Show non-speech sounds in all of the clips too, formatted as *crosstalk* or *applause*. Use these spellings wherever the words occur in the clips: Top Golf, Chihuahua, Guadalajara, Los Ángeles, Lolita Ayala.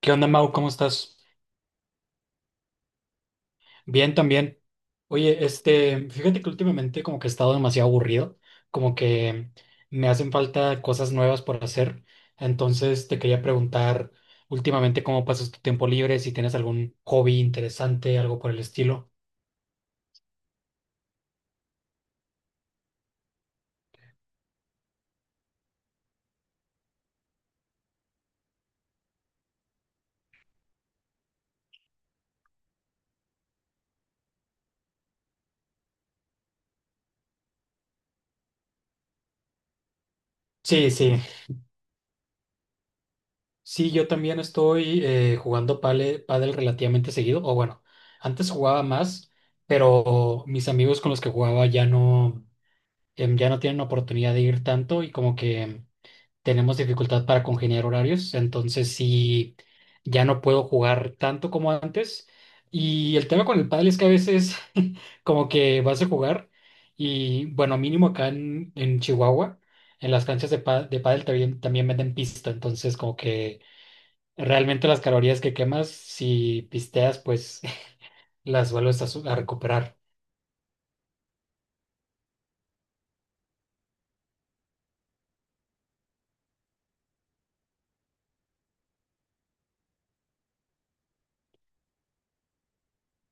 ¿Qué onda, Mau? ¿Cómo estás? Bien, también. Oye, fíjate que últimamente como que he estado demasiado aburrido, como que me hacen falta cosas nuevas por hacer. Entonces te quería preguntar últimamente cómo pasas tu tiempo libre, si tienes algún hobby interesante, algo por el estilo. Sí, sí. Sí, yo también estoy jugando pádel relativamente seguido, o bueno, antes jugaba más, pero mis amigos con los que jugaba ya no, ya no tienen oportunidad de ir tanto y como que tenemos dificultad para congeniar horarios, entonces sí, ya no puedo jugar tanto como antes. Y el tema con el pádel es que a veces *laughs* como que vas a jugar y bueno, mínimo acá en Chihuahua, en las canchas de, de pádel también, también venden pista, entonces como que realmente las calorías que quemas, si pisteas, pues *laughs* las vuelves a, a recuperar.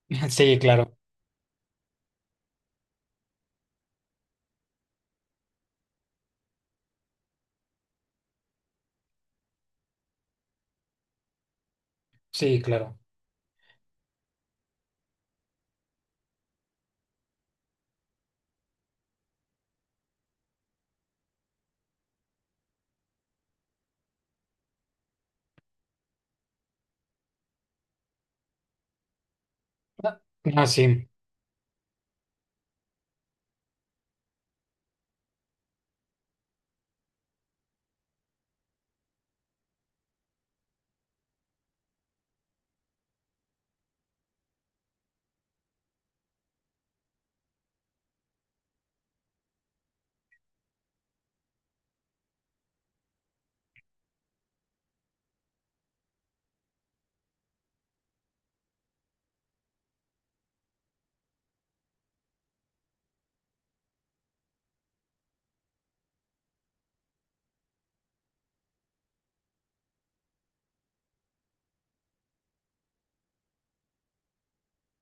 *laughs* Sí, claro, sí, claro. Ah, sí,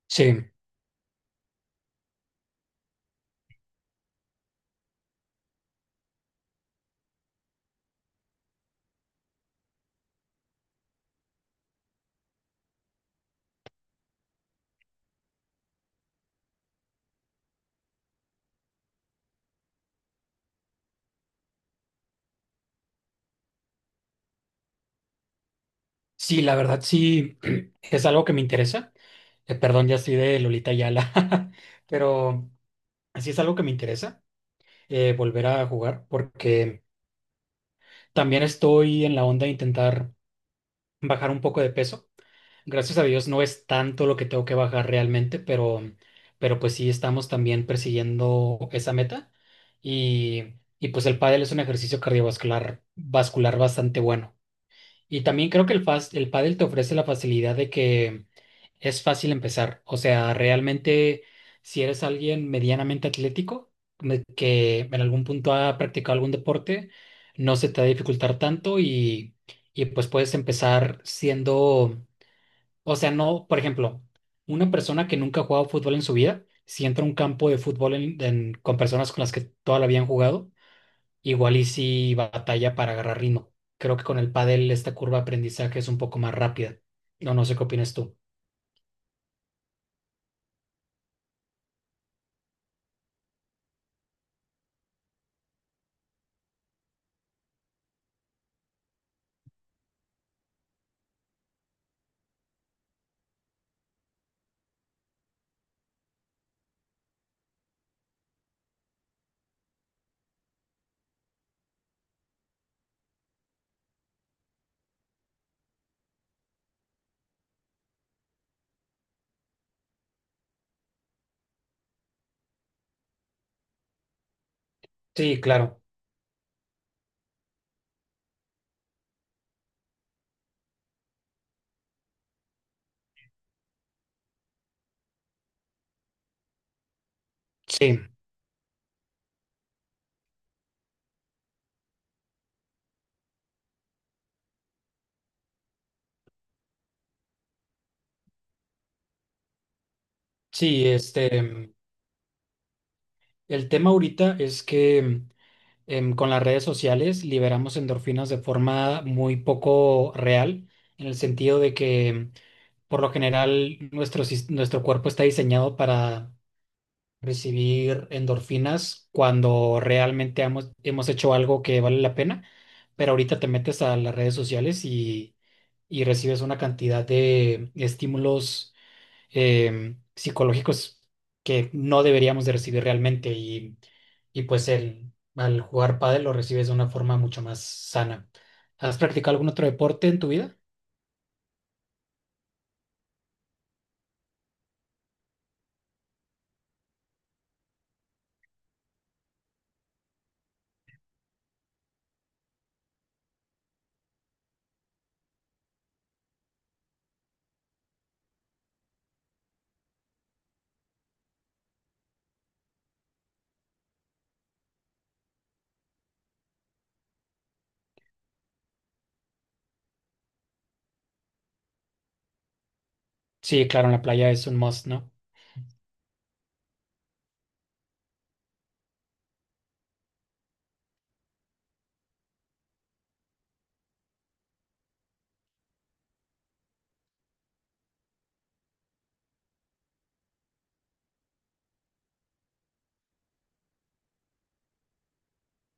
sí. Sí, la verdad sí *clears throat* es algo que me interesa. Perdón, ya estoy de Lolita Ayala, *laughs* pero así es algo que me interesa, volver a jugar, porque también estoy en la onda de intentar bajar un poco de peso. Gracias a Dios no es tanto lo que tengo que bajar realmente, pero pues sí estamos también persiguiendo esa meta y pues el pádel es un ejercicio cardiovascular vascular bastante bueno. Y también creo que el pádel te ofrece la facilidad de que es fácil empezar. O sea, realmente si eres alguien medianamente atlético, que en algún punto ha practicado algún deporte, no se te va a dificultar tanto y pues puedes empezar siendo, o sea, no, por ejemplo, una persona que nunca ha jugado fútbol en su vida, si entra a un campo de fútbol con personas con las que toda la habían jugado, igual y si batalla para agarrar ritmo. Creo que con el pádel esta curva de aprendizaje es un poco más rápida. No, no sé qué opinas tú. Sí, claro. Sí, sí, el tema ahorita es que con las redes sociales liberamos endorfinas de forma muy poco real, en el sentido de que por lo general nuestro cuerpo está diseñado para recibir endorfinas cuando realmente hemos hecho algo que vale la pena, pero ahorita te metes a las redes sociales y recibes una cantidad de estímulos psicológicos que no deberíamos de recibir realmente y pues el, al jugar pádel lo recibes de una forma mucho más sana. ¿Has practicado algún otro deporte en tu vida? Sí, claro, en la playa es un must, ¿no?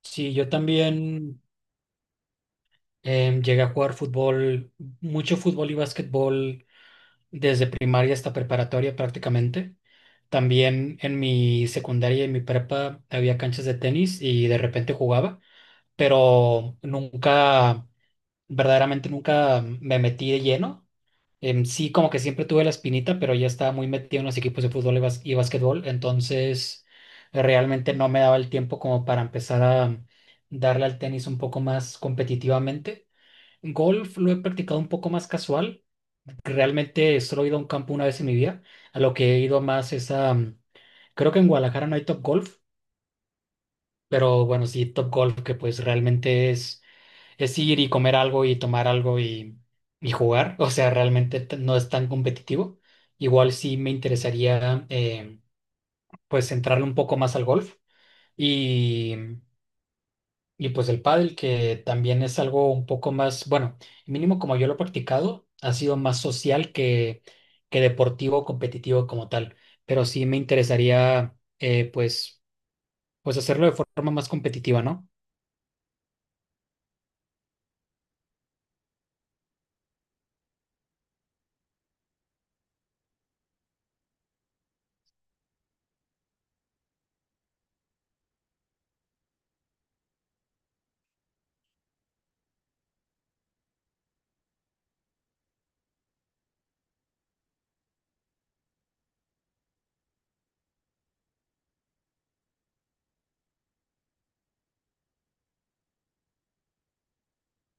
Sí, yo también. Llegué a jugar fútbol, mucho fútbol y básquetbol desde primaria hasta preparatoria prácticamente. También en mi secundaria y en mi prepa había canchas de tenis y de repente jugaba, pero nunca, verdaderamente nunca me metí de lleno. Sí, como que siempre tuve la espinita, pero ya estaba muy metido en los equipos de fútbol y, y básquetbol, entonces realmente no me daba el tiempo como para empezar a darle al tenis un poco más competitivamente. Golf lo he practicado un poco más casual. Realmente solo he ido a un campo una vez en mi vida. A lo que he ido más es a... creo que en Guadalajara no hay Top Golf, pero bueno, sí, Top Golf, que pues realmente es ir y comer algo y tomar algo y jugar. *laughs* O sea, realmente no es tan competitivo. Igual sí me interesaría pues centrarle un poco más al golf. Y y pues el pádel, que también es algo un poco más, bueno, mínimo como yo lo he practicado, ha sido más social que deportivo o competitivo como tal. Pero sí me interesaría, pues, pues hacerlo de forma más competitiva, ¿no?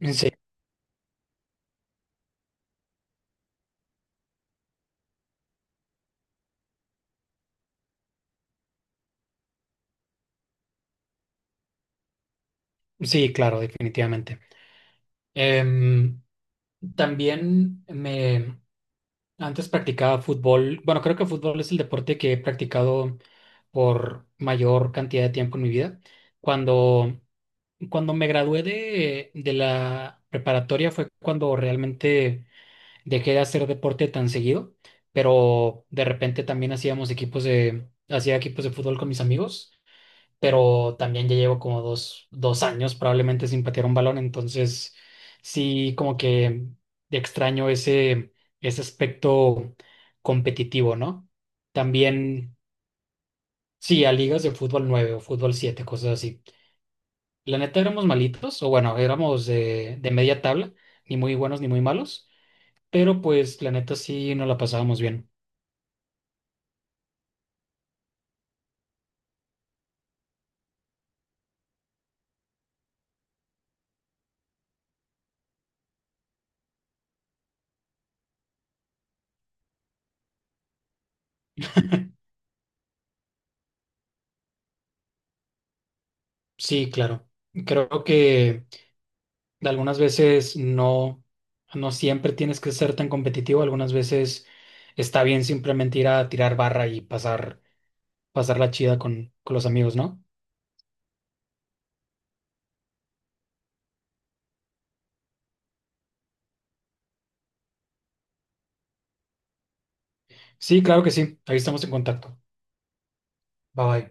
Sí, sí, claro, definitivamente. Em, también antes practicaba fútbol. Bueno, creo que fútbol es el deporte que he practicado por mayor cantidad de tiempo en mi vida. Cuando cuando me gradué de la preparatoria fue cuando realmente dejé de hacer deporte tan seguido, pero de repente también hacíamos equipos de, hacía equipos de fútbol con mis amigos, pero también ya llevo como dos años probablemente sin patear un balón, entonces sí como que extraño ese aspecto competitivo, ¿no? También sí a ligas de fútbol 9, o fútbol 7, cosas así. La neta éramos malitos, o bueno, éramos de media tabla, ni muy buenos ni muy malos, pero pues la neta sí nos la pasábamos bien. Sí, claro. Creo que algunas veces no, no siempre tienes que ser tan competitivo, algunas veces está bien simplemente ir a tirar barra y pasar la chida con los amigos, ¿no? Sí, claro que sí, ahí estamos en contacto. Bye bye.